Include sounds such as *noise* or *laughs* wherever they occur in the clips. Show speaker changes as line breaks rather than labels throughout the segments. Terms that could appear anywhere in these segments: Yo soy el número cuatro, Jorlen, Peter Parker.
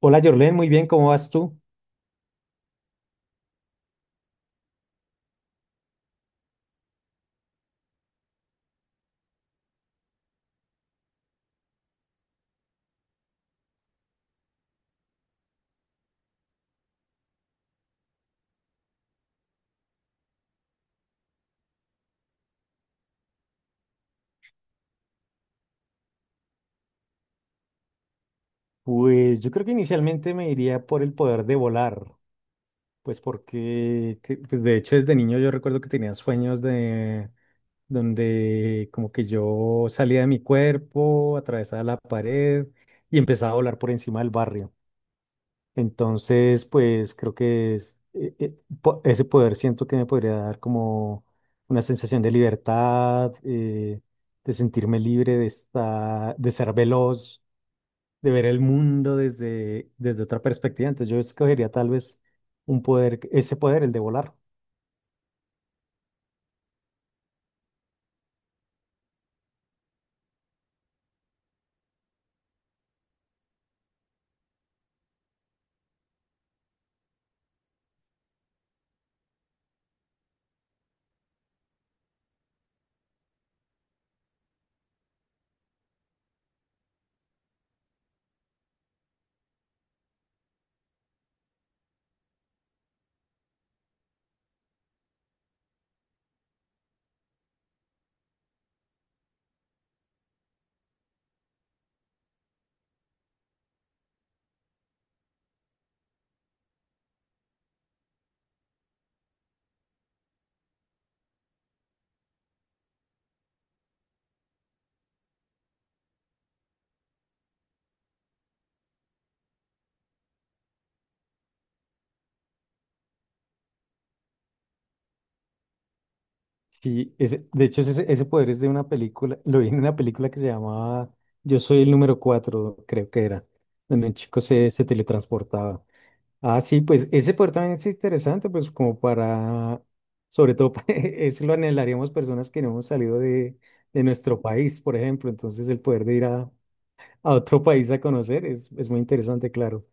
Hola Jorlen, muy bien, ¿cómo vas tú? Pues yo creo que inicialmente me iría por el poder de volar, pues porque, pues de hecho desde niño yo recuerdo que tenía sueños de donde como que yo salía de mi cuerpo, atravesaba la pared y empezaba a volar por encima del barrio. Entonces, pues creo que ese poder siento que me podría dar como una sensación de libertad, de sentirme libre, de estar, de ser veloz de ver el mundo desde, desde otra perspectiva. Entonces yo escogería tal vez un poder, ese poder, el de volar. Sí, ese, de hecho ese, ese poder es de una película, lo vi en una película que se llamaba Yo soy el número 4 creo que era, donde un chico se, se teletransportaba. Ah, sí, pues ese poder también es interesante, pues como para, sobre todo, *laughs* eso lo anhelaríamos personas que no hemos salido de nuestro país, por ejemplo. Entonces el poder de ir a otro país a conocer es muy interesante, claro.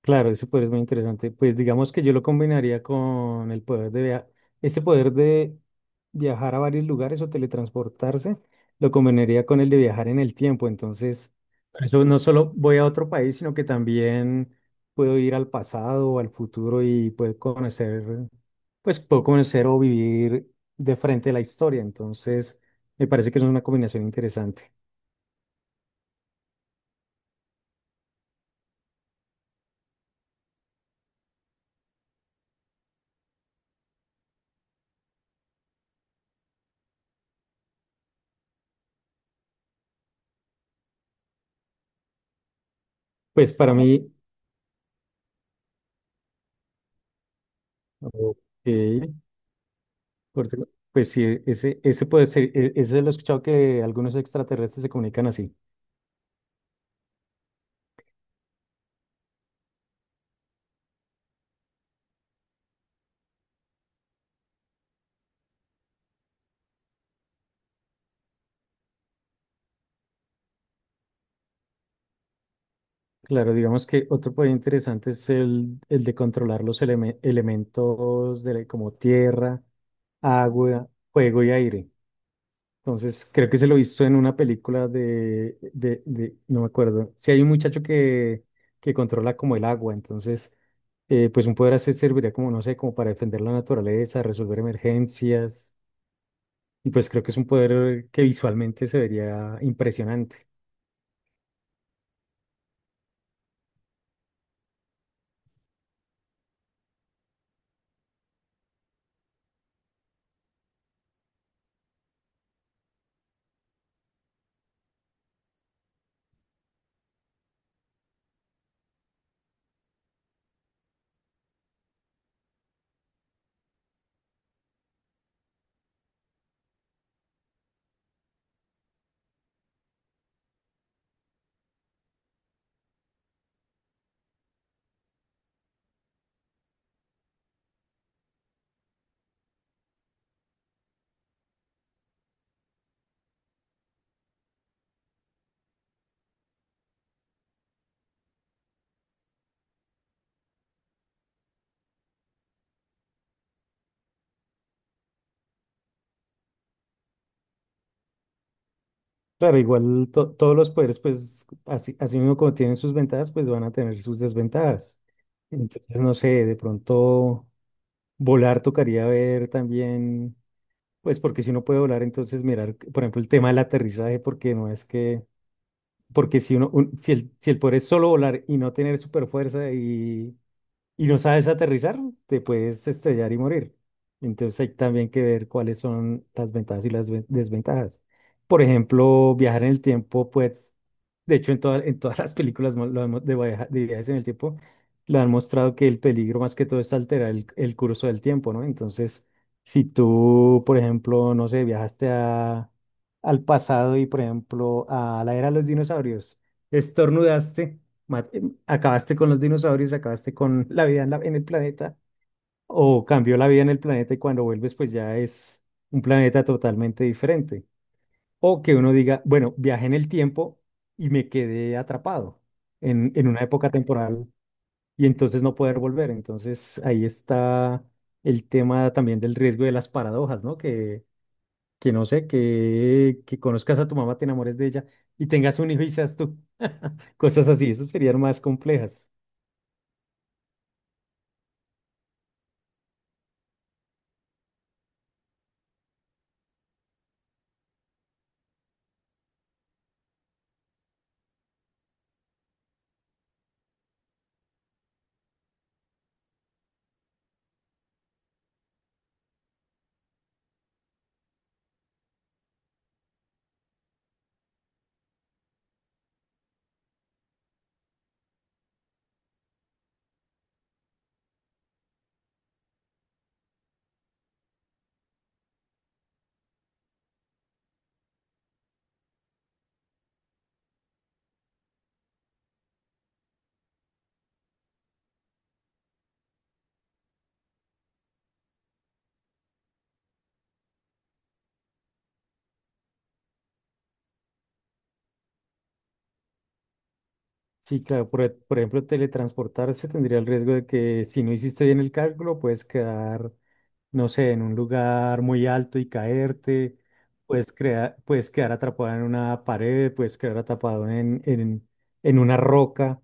Claro, ese poder es muy interesante. Pues digamos que yo lo combinaría con el poder de viajar, ese poder de viajar a varios lugares o teletransportarse, lo combinaría con el de viajar en el tiempo. Entonces, por eso no solo voy a otro país, sino que también puedo ir al pasado o al futuro y puedo conocer, pues puedo conocer o vivir de frente la historia. Entonces, me parece que es una combinación interesante. Pues para mí, ok, Corte- Pues sí, ese, ese puede ser, ese lo he escuchado que algunos extraterrestres se comunican así. Claro, digamos que otro poder interesante es el de controlar los elementos de, como tierra, agua, fuego y aire. Entonces, creo que se lo he visto en una película de, no me acuerdo. Si hay un muchacho que controla como el agua, entonces, pues un poder así serviría como, no sé, como para defender la naturaleza, resolver emergencias. Y pues creo que es un poder que visualmente se vería impresionante. Claro, igual todos los poderes, pues así, así mismo como tienen sus ventajas, pues van a tener sus desventajas. Entonces, no sé, de pronto volar tocaría ver también, pues porque si uno puede volar, entonces mirar, por ejemplo, el tema del aterrizaje, porque no es que, porque si uno, si el, si el poder es solo volar y no tener super fuerza y no sabes aterrizar, te puedes estrellar y morir. Entonces hay también que ver cuáles son las ventajas y las desventajas. Por ejemplo, viajar en el tiempo, pues, de hecho en, en todas las películas lo han de, de viajes en el tiempo, lo han mostrado que el peligro más que todo es alterar el curso del tiempo, ¿no? Entonces, si tú, por ejemplo, no sé, viajaste a, al pasado y, por ejemplo, a la era de los dinosaurios, estornudaste ma- acabaste con los dinosaurios, acabaste con la vida en, en el planeta, o cambió la vida en el planeta y cuando vuelves pues ya es un planeta totalmente diferente. O que uno diga, bueno, viajé en el tiempo y me quedé atrapado en una época temporal y entonces no poder volver. Entonces ahí está el tema también del riesgo de las paradojas, ¿no? Que no sé, que conozcas a tu mamá, te enamores de ella y tengas un hijo y seas tú. *laughs* Cosas así, eso serían más complejas. Sí, claro, por, por ejemplo, teletransportarse tendría el riesgo de que si no hiciste bien el cálculo, puedes quedar, no sé, en un lugar muy alto y caerte, puedes, puedes quedar atrapado en una pared, puedes quedar atrapado en una roca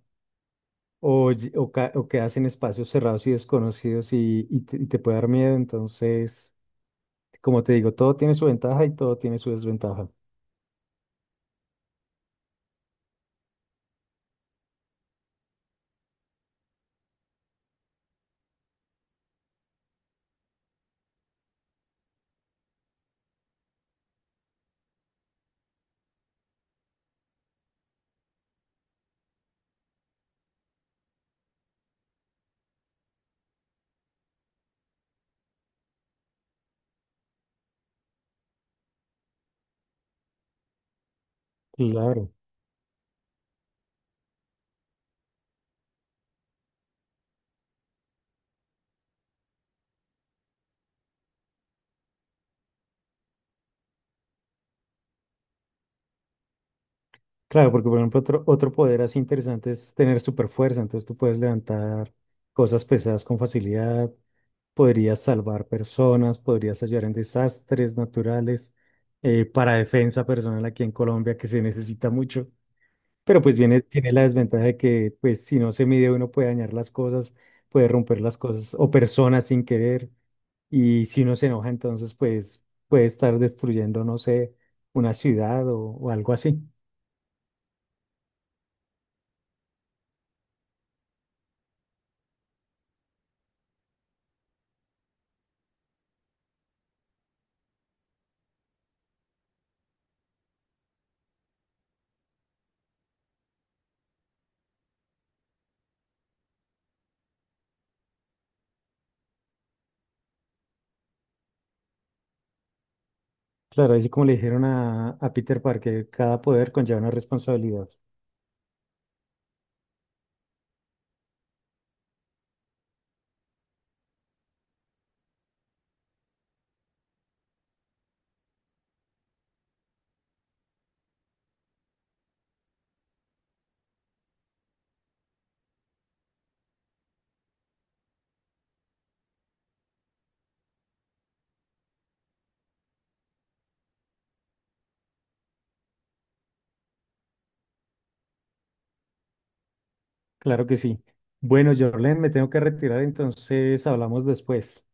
o, o quedas en espacios cerrados y desconocidos y te puede dar miedo. Entonces, como te digo, todo tiene su ventaja y todo tiene su desventaja. Claro. Claro, porque por ejemplo otro, otro poder así interesante es tener super fuerza, entonces tú puedes levantar cosas pesadas con facilidad, podrías salvar personas, podrías ayudar en desastres naturales, para defensa personal aquí en Colombia que se necesita mucho, pero pues viene, tiene la desventaja de que pues si no se mide uno puede dañar las cosas, puede romper las cosas o personas sin querer y si uno se enoja entonces pues puede estar destruyendo, no sé, una ciudad o algo así. Claro, así como le dijeron a Peter Parker, cada poder conlleva una responsabilidad. Claro que sí. Bueno, Jorlen, me tengo que retirar, entonces hablamos después.